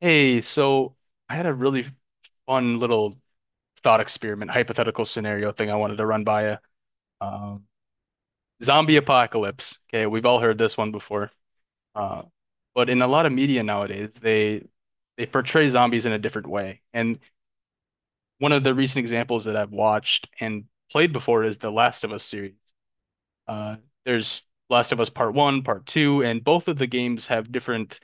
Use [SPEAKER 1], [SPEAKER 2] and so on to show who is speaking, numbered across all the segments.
[SPEAKER 1] Hey, so I had a really fun little thought experiment, hypothetical scenario thing I wanted to run by you. Um, zombie apocalypse. Okay, we've all heard this one before. Uh, but in a lot of media nowadays, they portray zombies in a different way. And one of the recent examples that I've watched and played before is the Last of Us series. Uh, there's Last of Us Part One, Part Two, and both of the games have different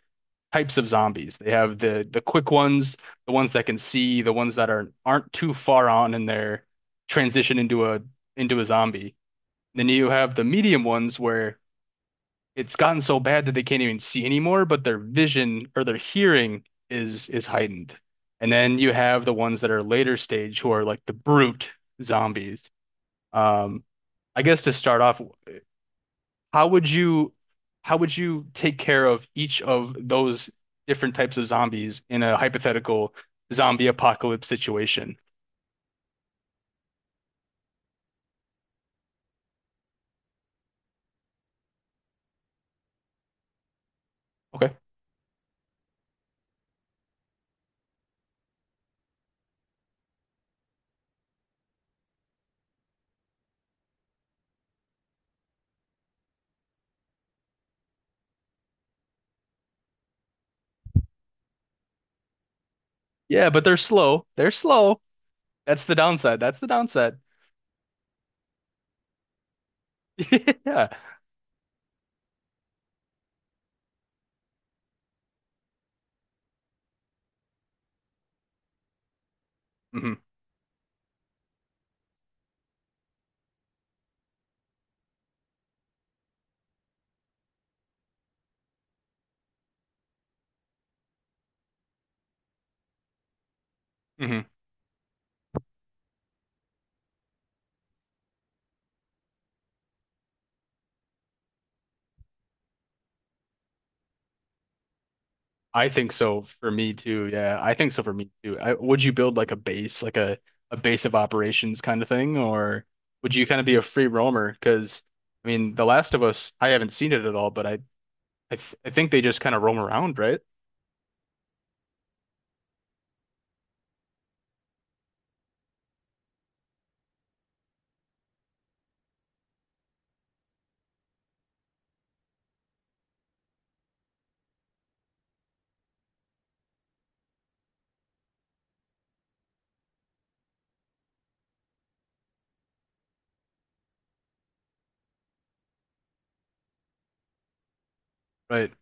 [SPEAKER 1] types of zombies. They have the quick ones, the ones that can see, the ones that are aren't too far on in their transition into a zombie. Then you have the medium ones where it's gotten so bad that they can't even see anymore, but their vision or their hearing is heightened. And then you have the ones that are later stage who are like the brute zombies. Um, I guess to start off, how would you how would you take care of each of those different types of zombies in a hypothetical zombie apocalypse situation? Okay. Yeah, but they're slow. They're slow. That's the downside. That's the downside. Yeah. Hmm. Hmm. I think so for me too. Yeah, I think so for me too. Would you build like a base, like a base of operations kind of thing, or would you kind of be a free roamer? Because I mean, The Last of Us, I haven't seen it at all, but I think they just kind of roam around, right? Right.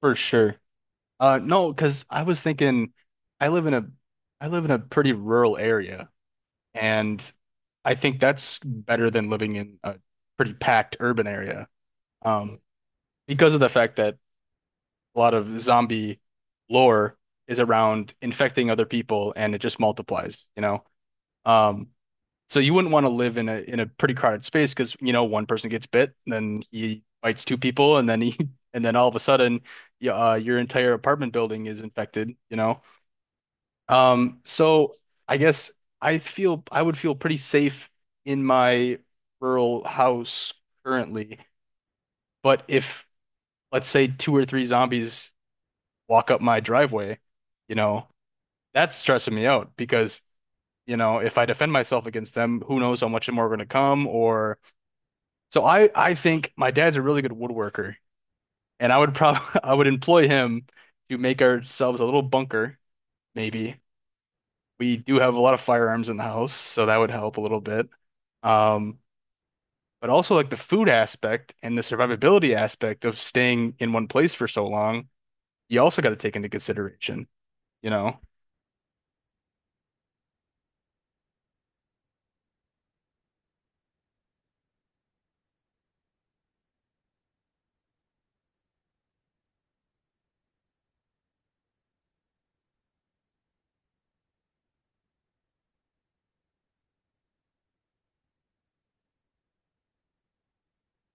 [SPEAKER 1] For sure. No, because I was thinking, I live in a, I live in a pretty rural area, and I think that's better than living in a pretty packed urban area. Um, because of the fact that a lot of zombie lore is around infecting other people, and it just multiplies. Um, So you wouldn't want to live in a pretty crowded space because you know one person gets bit, and then he bites two people, and then he and then all of a sudden, your entire apartment building is infected. So I guess I would feel pretty safe in my rural house currently, but if let's say two or three zombies walk up my driveway, you know, that's stressing me out because if I defend myself against them, who knows how much more are going to come, or so I think my dad's a really good woodworker, and I would probably I would employ him to make ourselves a little bunker, maybe. We do have a lot of firearms in the house, so that would help a little bit. Um, but also like the food aspect and the survivability aspect of staying in one place for so long, you also got to take into consideration, you know?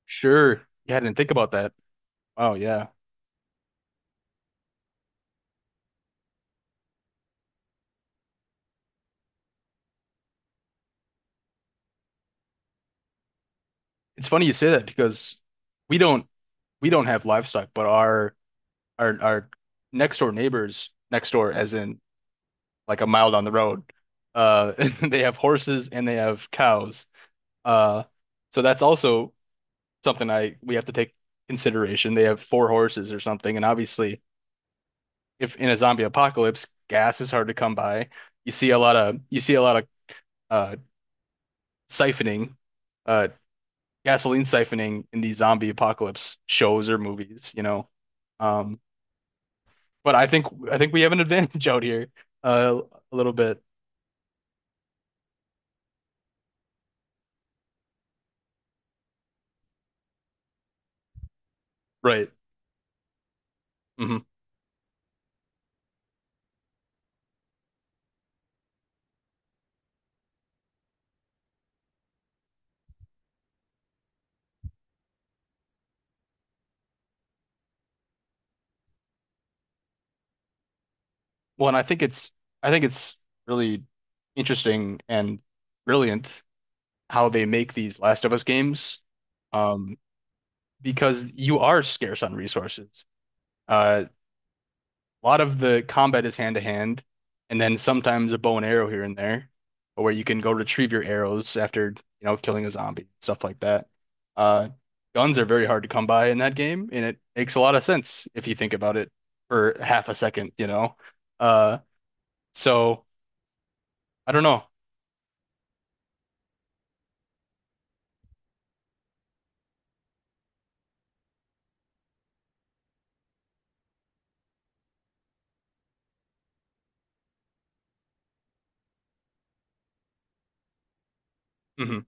[SPEAKER 1] Sure. Yeah, I didn't think about that. Oh yeah. It's funny you say that because we don't we don't have livestock, but our next door neighbors next door, as in like a mile down the road. Uh, they have horses and they have cows. Uh, so that's also something I we have to take consideration. They have four horses or something, and obviously, if in a zombie apocalypse, gas is hard to come by. You see a lot of you see a lot of uh siphoning, uh gasoline siphoning in these zombie apocalypse shows or movies. Um, but I think we have an advantage out here, uh, a little bit. Right. Hmm. Well, and I think it's really interesting and brilliant how they make these Last of Us games, um, because you are scarce on resources. Uh, a lot of the combat is hand to hand, and then sometimes a bow and arrow here and there, but where you can go retrieve your arrows after, killing a zombie, stuff like that. Uh, guns are very hard to come by in that game, and it makes a lot of sense if you think about it for half a second. Uh, so. I don't know. Hmm.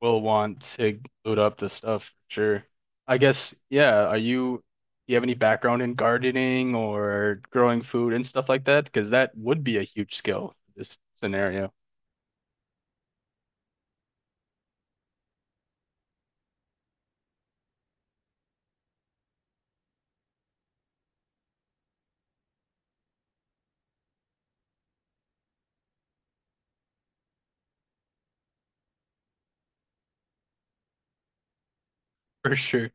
[SPEAKER 1] We'll want to load up the stuff for sure. I guess, yeah. Do you have any background in gardening or growing food and stuff like that? Because that would be a huge skill for this scenario for sure.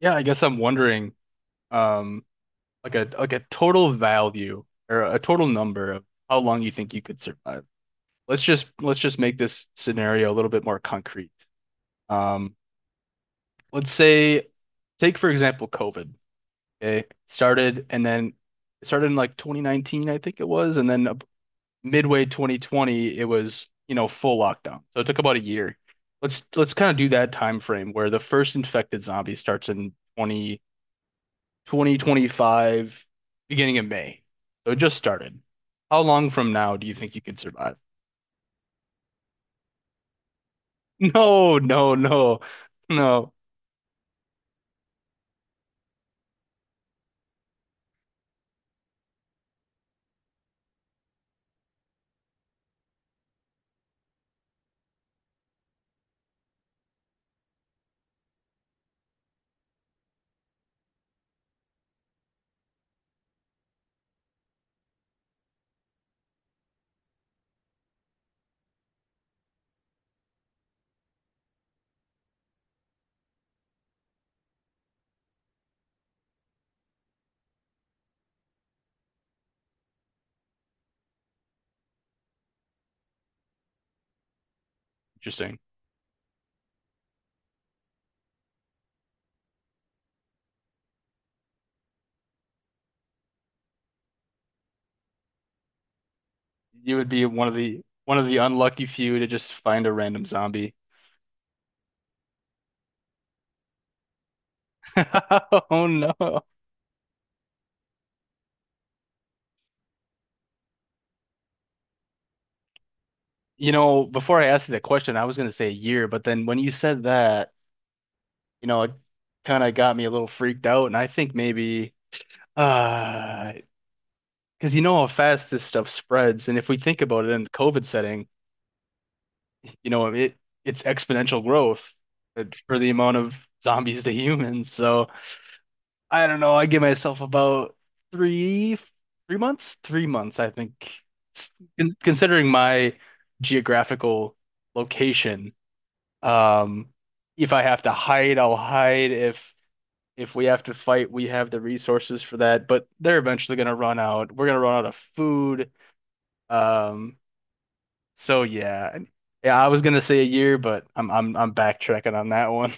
[SPEAKER 1] Yeah, I guess I'm wondering, um, like a total value or a total number of how long you think you could survive. Let's just make this scenario a little bit more concrete. Um, let's say, take for example, COVID. Okay. Started and then it started in like 2019, I think it was, and then midway 2020, it was, full lockdown. So it took about a year. Let's kind of do that time frame where the first infected zombie starts in twenty five, beginning of May. So it just started. How long from now do you think you could survive? No, no, no, no. Interesting. You would be one of the unlucky few to just find a random zombie. Oh no. You know, before I asked you that question, I was going to say a year, but then when you said that, it kind of got me a little freaked out. And I think maybe, uh, because you know how fast this stuff spreads. And if we think about it in the COVID setting, you know, it it's exponential growth for the amount of zombies to humans. So I don't know. I give myself about three, three months, I think, S- considering my geographical location. Um, if I have to hide, I'll hide. If we have to fight, we have the resources for that. But they're eventually gonna run out. We're gonna run out of food. Um, so yeah, yeah. I was gonna say a year, but I'm backtracking on that one.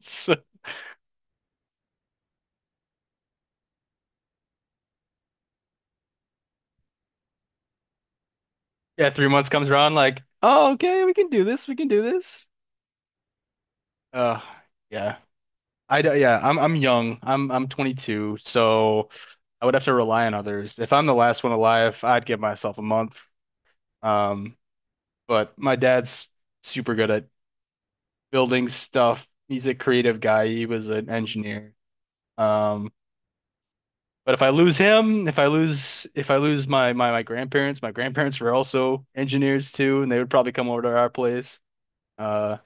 [SPEAKER 1] So, yeah, 3 months comes around, like, oh, okay, we can do this. We can do this. Uh, yeah. Yeah. I'm young. I'm 22, so I would have to rely on others. If I'm the last one alive, I'd give myself a month. Um, But my dad's super good at building stuff. He's a creative guy. He was an engineer. Um, but if I lose him, if I lose my grandparents, my grandparents were also engineers too, and they would probably come over to our place. Uh,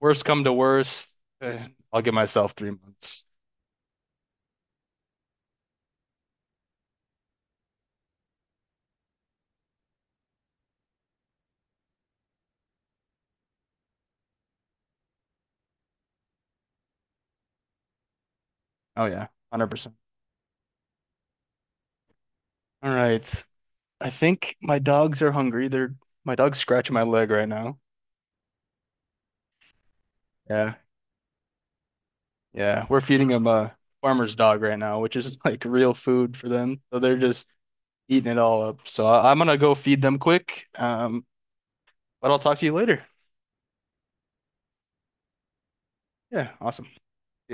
[SPEAKER 1] worst come to worst, eh, I'll give myself 3 months. Oh yeah, 100%. All right. I think my dogs are hungry. They're my dog's scratching my leg right now. Yeah. Yeah, we're feeding them a farmer's dog right now, which is like real food for them. So they're just eating it all up. So I'm gonna go feed them quick. But I'll talk to you later. Yeah, awesome. See ya.